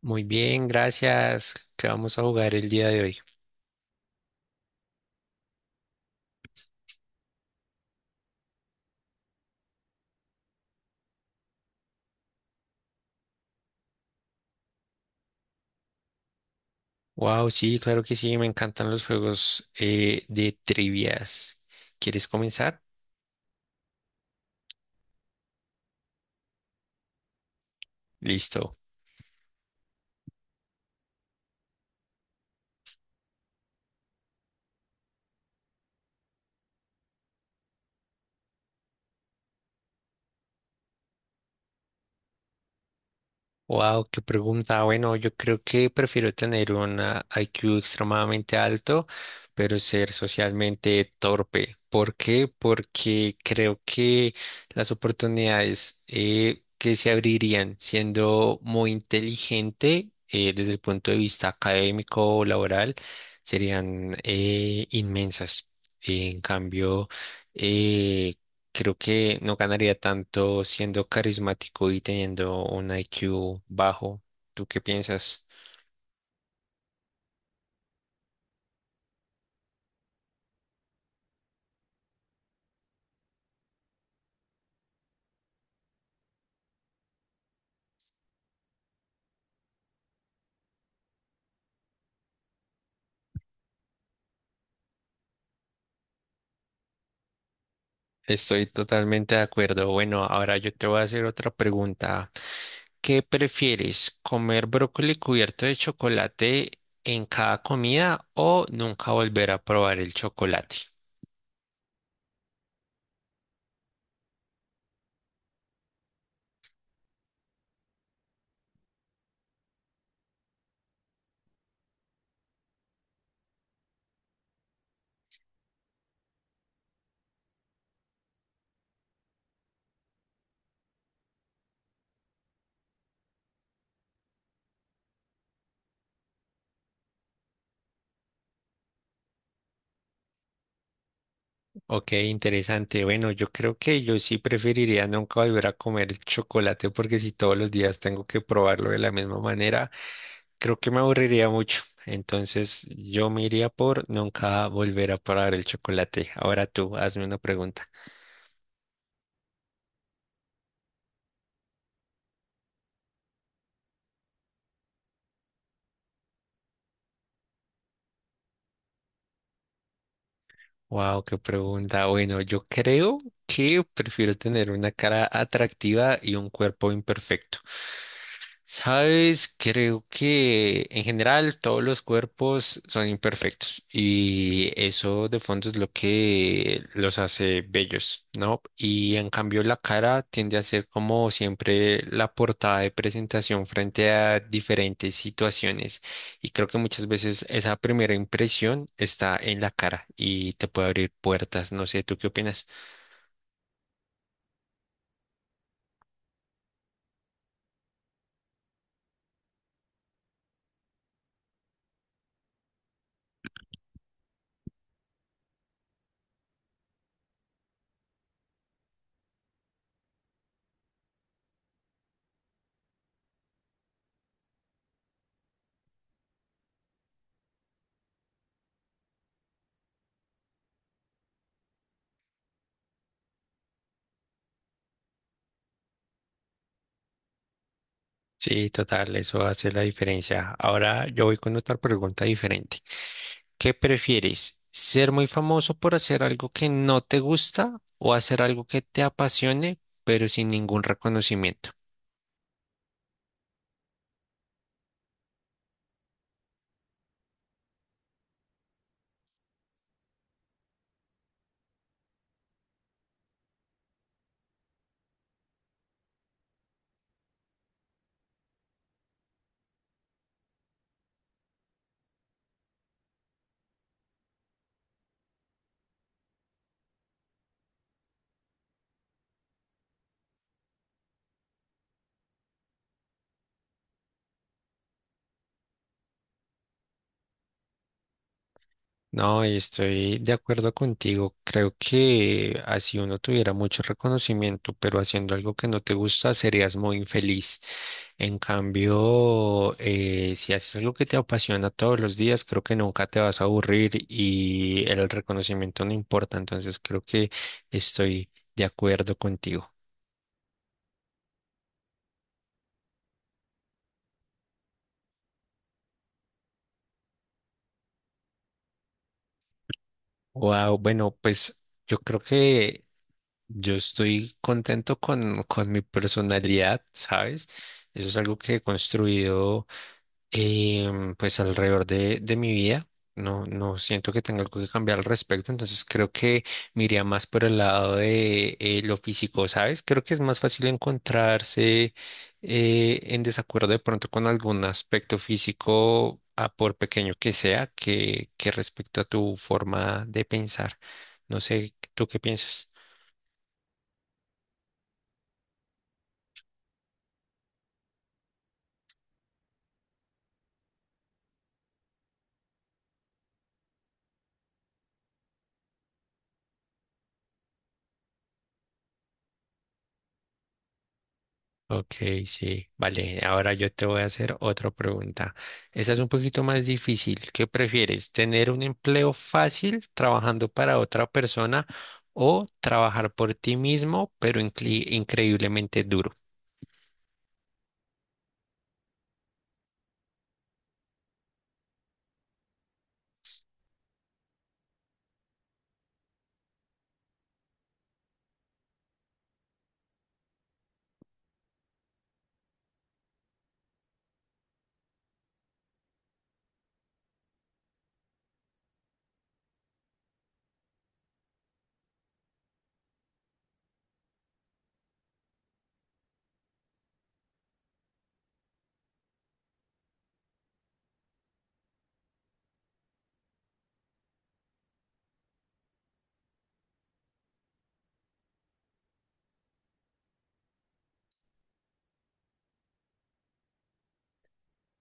Muy bien, gracias. ¿Qué vamos a jugar el día de hoy? Wow, sí, claro que sí, me encantan los juegos de trivias. ¿Quieres comenzar? Listo. Wow, qué pregunta. Bueno, yo creo que prefiero tener un IQ extremadamente alto, pero ser socialmente torpe. ¿Por qué? Porque creo que las oportunidades que se abrirían siendo muy inteligente desde el punto de vista académico o laboral serían inmensas. En cambio, eh, creo que no ganaría tanto siendo carismático y teniendo un IQ bajo. ¿Tú qué piensas? Estoy totalmente de acuerdo. Bueno, ahora yo te voy a hacer otra pregunta. ¿Qué prefieres, comer brócoli cubierto de chocolate en cada comida o nunca volver a probar el chocolate? Ok, interesante. Bueno, yo creo que yo sí preferiría nunca volver a comer chocolate porque si todos los días tengo que probarlo de la misma manera, creo que me aburriría mucho. Entonces yo me iría por nunca volver a probar el chocolate. Ahora tú, hazme una pregunta. Wow, qué pregunta. Bueno, yo creo que prefiero tener una cara atractiva y un cuerpo imperfecto. Sabes, creo que en general todos los cuerpos son imperfectos y eso de fondo es lo que los hace bellos, ¿no? Y en cambio la cara tiende a ser como siempre la portada de presentación frente a diferentes situaciones y creo que muchas veces esa primera impresión está en la cara y te puede abrir puertas, no sé, ¿tú qué opinas? Sí, total, eso hace la diferencia. Ahora yo voy con otra pregunta diferente. ¿Qué prefieres? ¿Ser muy famoso por hacer algo que no te gusta o hacer algo que te apasione, pero sin ningún reconocimiento? No, y estoy de acuerdo contigo. Creo que así uno tuviera mucho reconocimiento, pero haciendo algo que no te gusta serías muy infeliz. En cambio, si haces algo que te apasiona todos los días, creo que nunca te vas a aburrir y el reconocimiento no importa. Entonces, creo que estoy de acuerdo contigo. Wow, bueno, pues yo creo que yo estoy contento con mi personalidad, ¿sabes? Eso es algo que he construido pues alrededor de mi vida. No, no siento que tenga algo que cambiar al respecto, entonces creo que me iría más por el lado de lo físico, ¿sabes? Creo que es más fácil encontrarse en desacuerdo de pronto con algún aspecto físico, a por pequeño que sea, que respecto a tu forma de pensar. No sé, ¿tú qué piensas? Ok, sí, vale. Ahora yo te voy a hacer otra pregunta. Esta es un poquito más difícil. ¿Qué prefieres? ¿Tener un empleo fácil trabajando para otra persona o trabajar por ti mismo, pero increíblemente duro?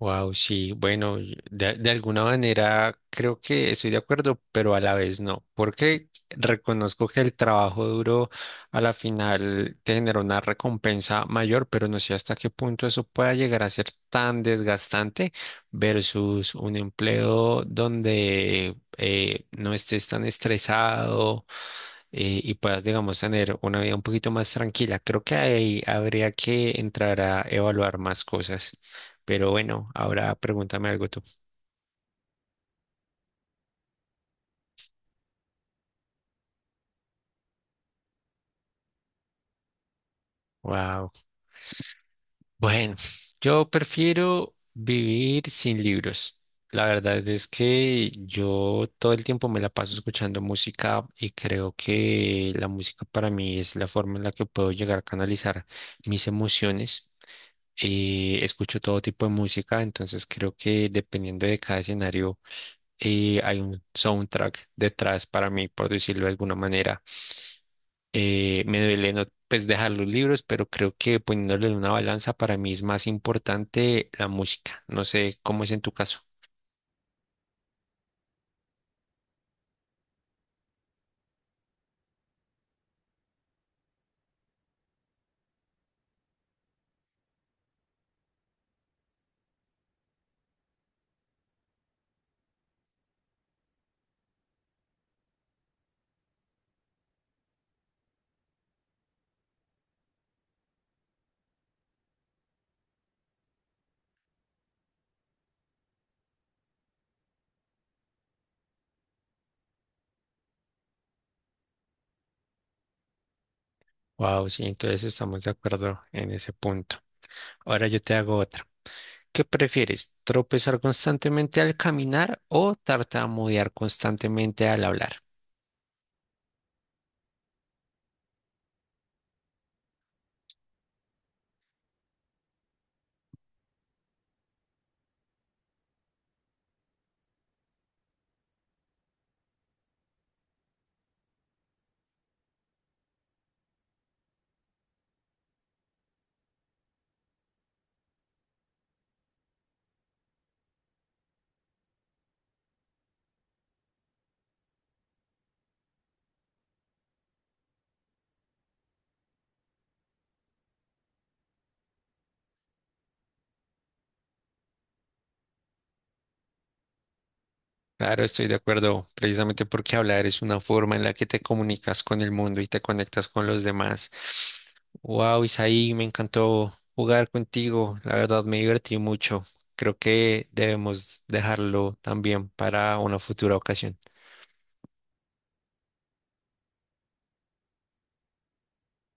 Wow, sí, bueno, y de alguna manera creo que estoy de acuerdo, pero a la vez no, porque reconozco que el trabajo duro a la final te genera una recompensa mayor, pero no sé hasta qué punto eso pueda llegar a ser tan desgastante versus un empleo donde no estés tan estresado y puedas, digamos, tener una vida un poquito más tranquila. Creo que ahí habría que entrar a evaluar más cosas. Pero bueno, ahora pregúntame algo tú. Wow. Bueno, yo prefiero vivir sin libros. La verdad es que yo todo el tiempo me la paso escuchando música y creo que la música para mí es la forma en la que puedo llegar a canalizar mis emociones. Escucho todo tipo de música, entonces creo que dependiendo de cada escenario hay un soundtrack detrás para mí, por decirlo de alguna manera. Me duele no, pues dejar los libros, pero creo que poniéndole en una balanza para mí es más importante la música. No sé cómo es en tu caso. Wow, sí, entonces estamos de acuerdo en ese punto. Ahora yo te hago otra. ¿Qué prefieres? ¿Tropezar constantemente al caminar o tartamudear constantemente al hablar? Claro, estoy de acuerdo, precisamente porque hablar es una forma en la que te comunicas con el mundo y te conectas con los demás. Wow, Isaí, me encantó jugar contigo, la verdad me divertí mucho. Creo que debemos dejarlo también para una futura ocasión.